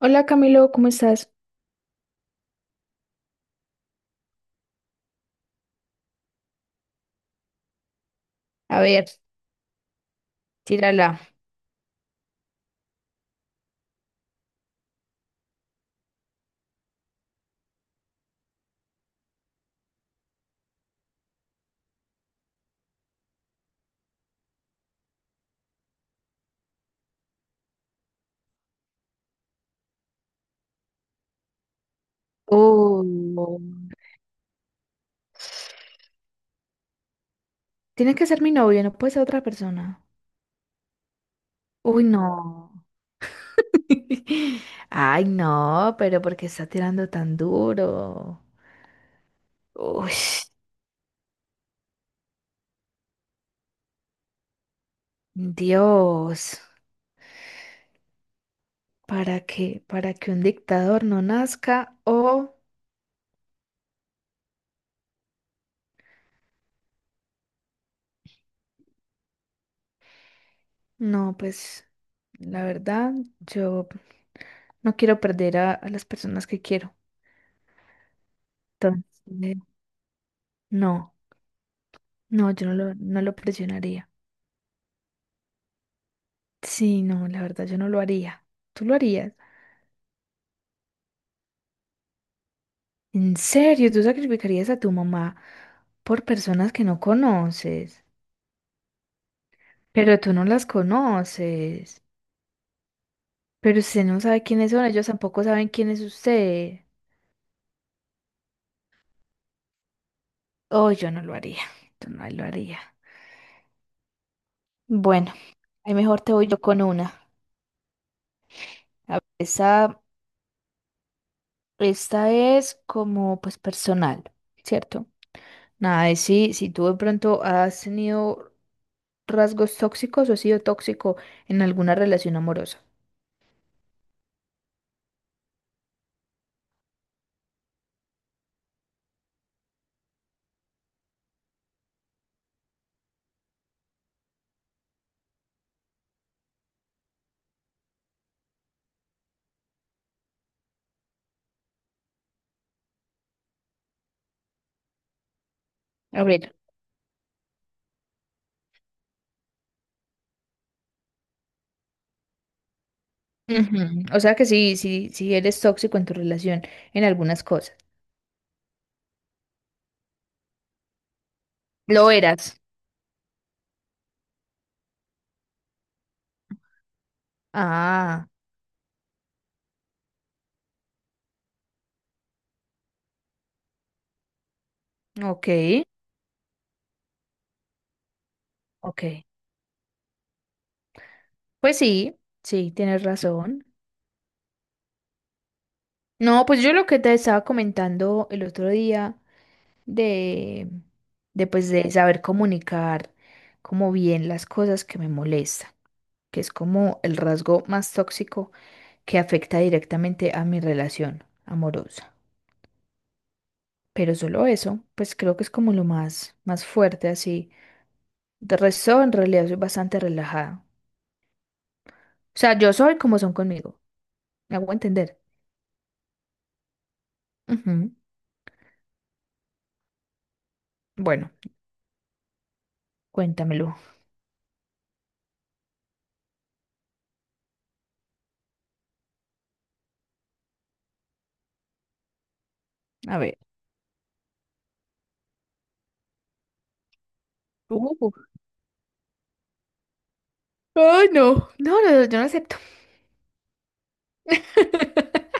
Hola Camilo, ¿cómo estás? A ver, tírala. Oh, tiene que ser mi novio, no puede ser otra persona. Uy, no. Ay, no, pero ¿por qué está tirando tan duro? Uy, Dios, ¿para qué? ¿Para que un dictador no nazca? O no, pues la verdad, yo no quiero perder a las personas que quiero. Entonces, no, no, yo no lo presionaría. Sí, no, la verdad yo no lo haría. ¿Tú lo harías? ¿En serio? ¿Tú sacrificarías a tu mamá por personas que no conoces? Pero tú no las conoces. Pero usted no sabe quiénes son, ellos tampoco saben quién es usted. Oh, yo no lo haría. Yo no lo haría. Bueno, ahí mejor te voy yo con una. A ver, esta es como pues personal, ¿cierto? Nada, es si tú de pronto has tenido rasgos tóxicos o ha sido tóxico en alguna relación amorosa. A ver, ujú, o sea que sí, sí, sí eres tóxico en tu relación en algunas cosas. Lo eras. Ah, ok, ok. Pues sí, sí, tienes razón. No, pues yo lo que te estaba comentando el otro día de, de pues de saber comunicar como bien las cosas que me molestan, que es como el rasgo más tóxico que afecta directamente a mi relación amorosa. Pero solo eso, pues creo que es como lo más, más fuerte así. De resto, en realidad soy bastante relajada. O sea, yo soy como son conmigo. Me hago entender. Ujú. Bueno, cuéntamelo. A ver. Uh. Ay, no. No, no, yo no acepto.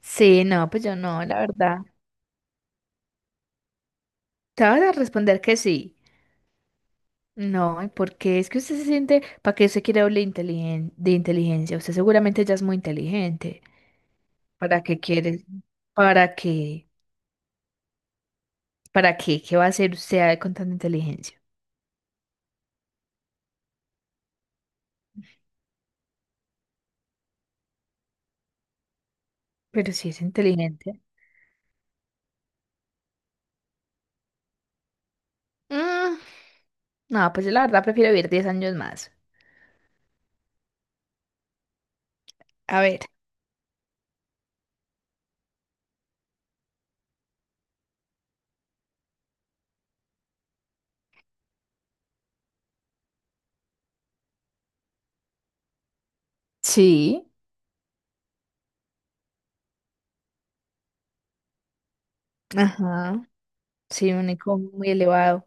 Sí, no, pues yo no, la verdad. Te vas a responder que sí. No, ¿y por qué? Es que usted se siente, ¿para qué usted quiere hablar de inteligencia? Usted seguramente ya es muy inteligente. ¿Para qué quieres? ¿Para qué? ¿Para qué? ¿Qué va a hacer usted con tanta inteligencia? Pero si es inteligente. Mm, no, pues yo la verdad prefiero vivir 10 años más. A ver. Sí. Ajá. Sí, un IQ muy elevado.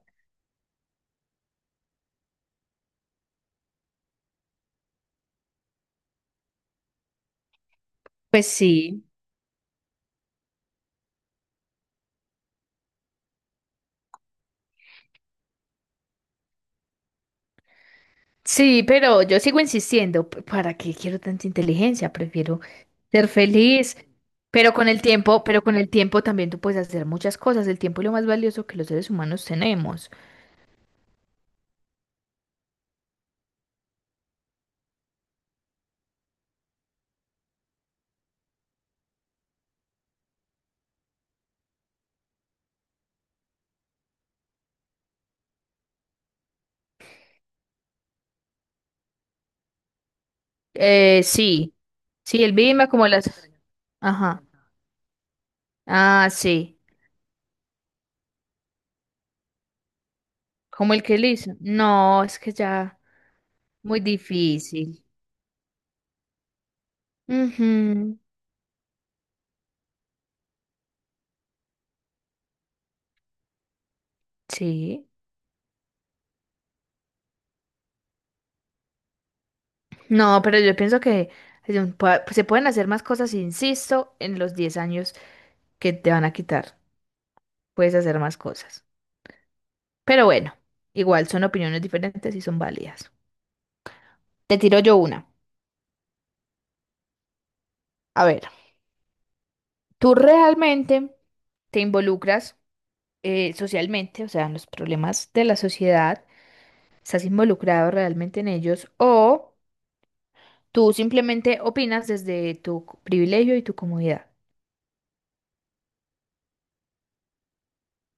Pues sí. Sí, pero yo sigo insistiendo. ¿Para qué quiero tanta inteligencia? Prefiero ser feliz. Pero con el tiempo, pero con el tiempo también tú puedes hacer muchas cosas. El tiempo es lo más valioso que los seres humanos tenemos. Sí. Sí, el clima como las... Ajá. Ah, sí. Como el que él hizo. No, es que ya muy difícil. Ujú, sí. No, pero yo pienso que se pueden hacer más cosas, insisto, en los 10 años que te van a quitar. Puedes hacer más cosas. Pero bueno, igual son opiniones diferentes y son válidas. Te tiro yo una. A ver, ¿tú realmente te involucras socialmente, o sea, en los problemas de la sociedad? ¿Estás involucrado realmente en ellos? O... Tú simplemente opinas desde tu privilegio y tu comodidad.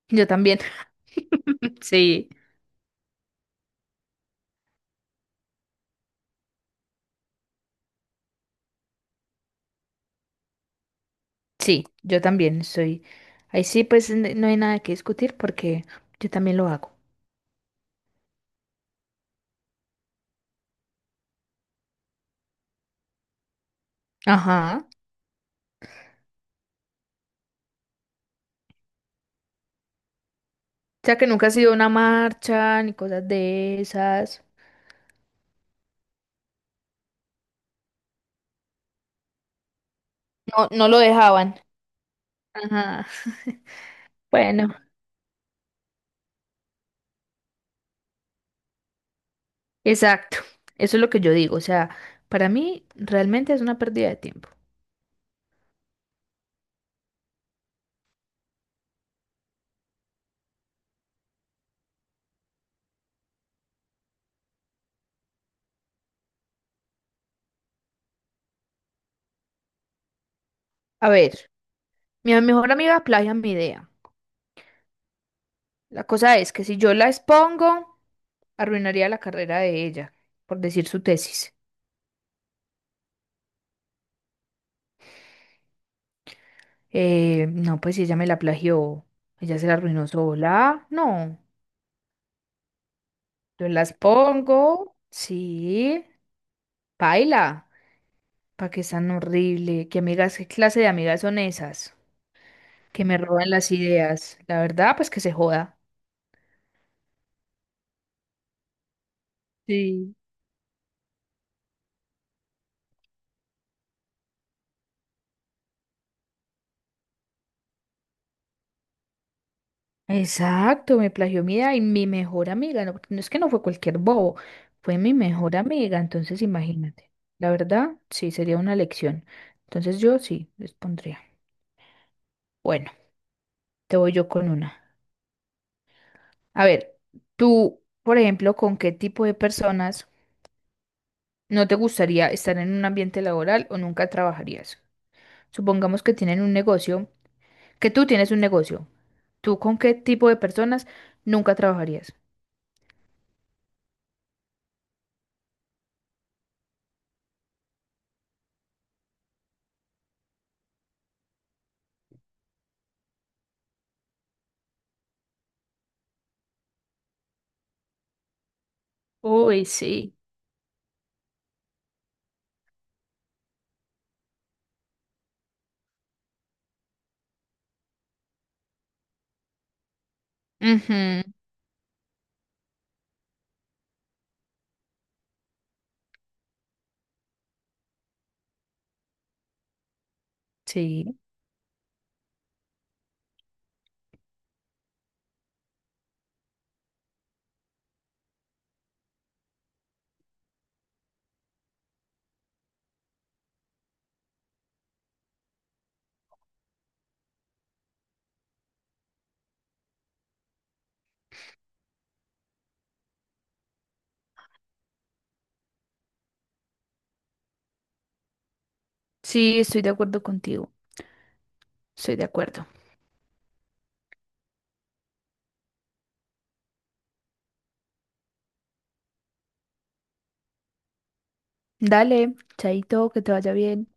Yo también. Sí. Sí, yo también soy. Ahí sí, pues no hay nada que discutir porque yo también lo hago. Ajá. O sea que nunca ha sido una marcha ni cosas de esas. No, no lo dejaban. Ajá. Bueno, exacto. Eso es lo que yo digo. O sea, para mí realmente es una pérdida de tiempo. A ver, mi mejor amiga plagia mi idea. La cosa es que si yo la expongo, arruinaría la carrera de ella, por decir su tesis. No, pues si ella me la plagió, ella se la arruinó sola. No, yo las pongo, sí, paila, pa' que es tan horrible, qué amigas, qué clase de amigas son esas, que me roban las ideas. La verdad, pues que se joda. Sí. Exacto, me plagió mi idea y mi mejor amiga, no, porque no es que no fue cualquier bobo, fue mi mejor amiga, entonces imagínate. La verdad, sí, sería una lección. Entonces yo sí, les pondría. Bueno, te voy yo con una. A ver, tú, por ejemplo, ¿con qué tipo de personas no te gustaría estar en un ambiente laboral o nunca trabajarías? Supongamos que tienen un negocio, que tú tienes un negocio. ¿Tú con qué tipo de personas nunca trabajarías? Uy, sí. Ujú, sí. Sí, estoy de acuerdo contigo. Estoy de acuerdo. Dale, chaito, que te vaya bien.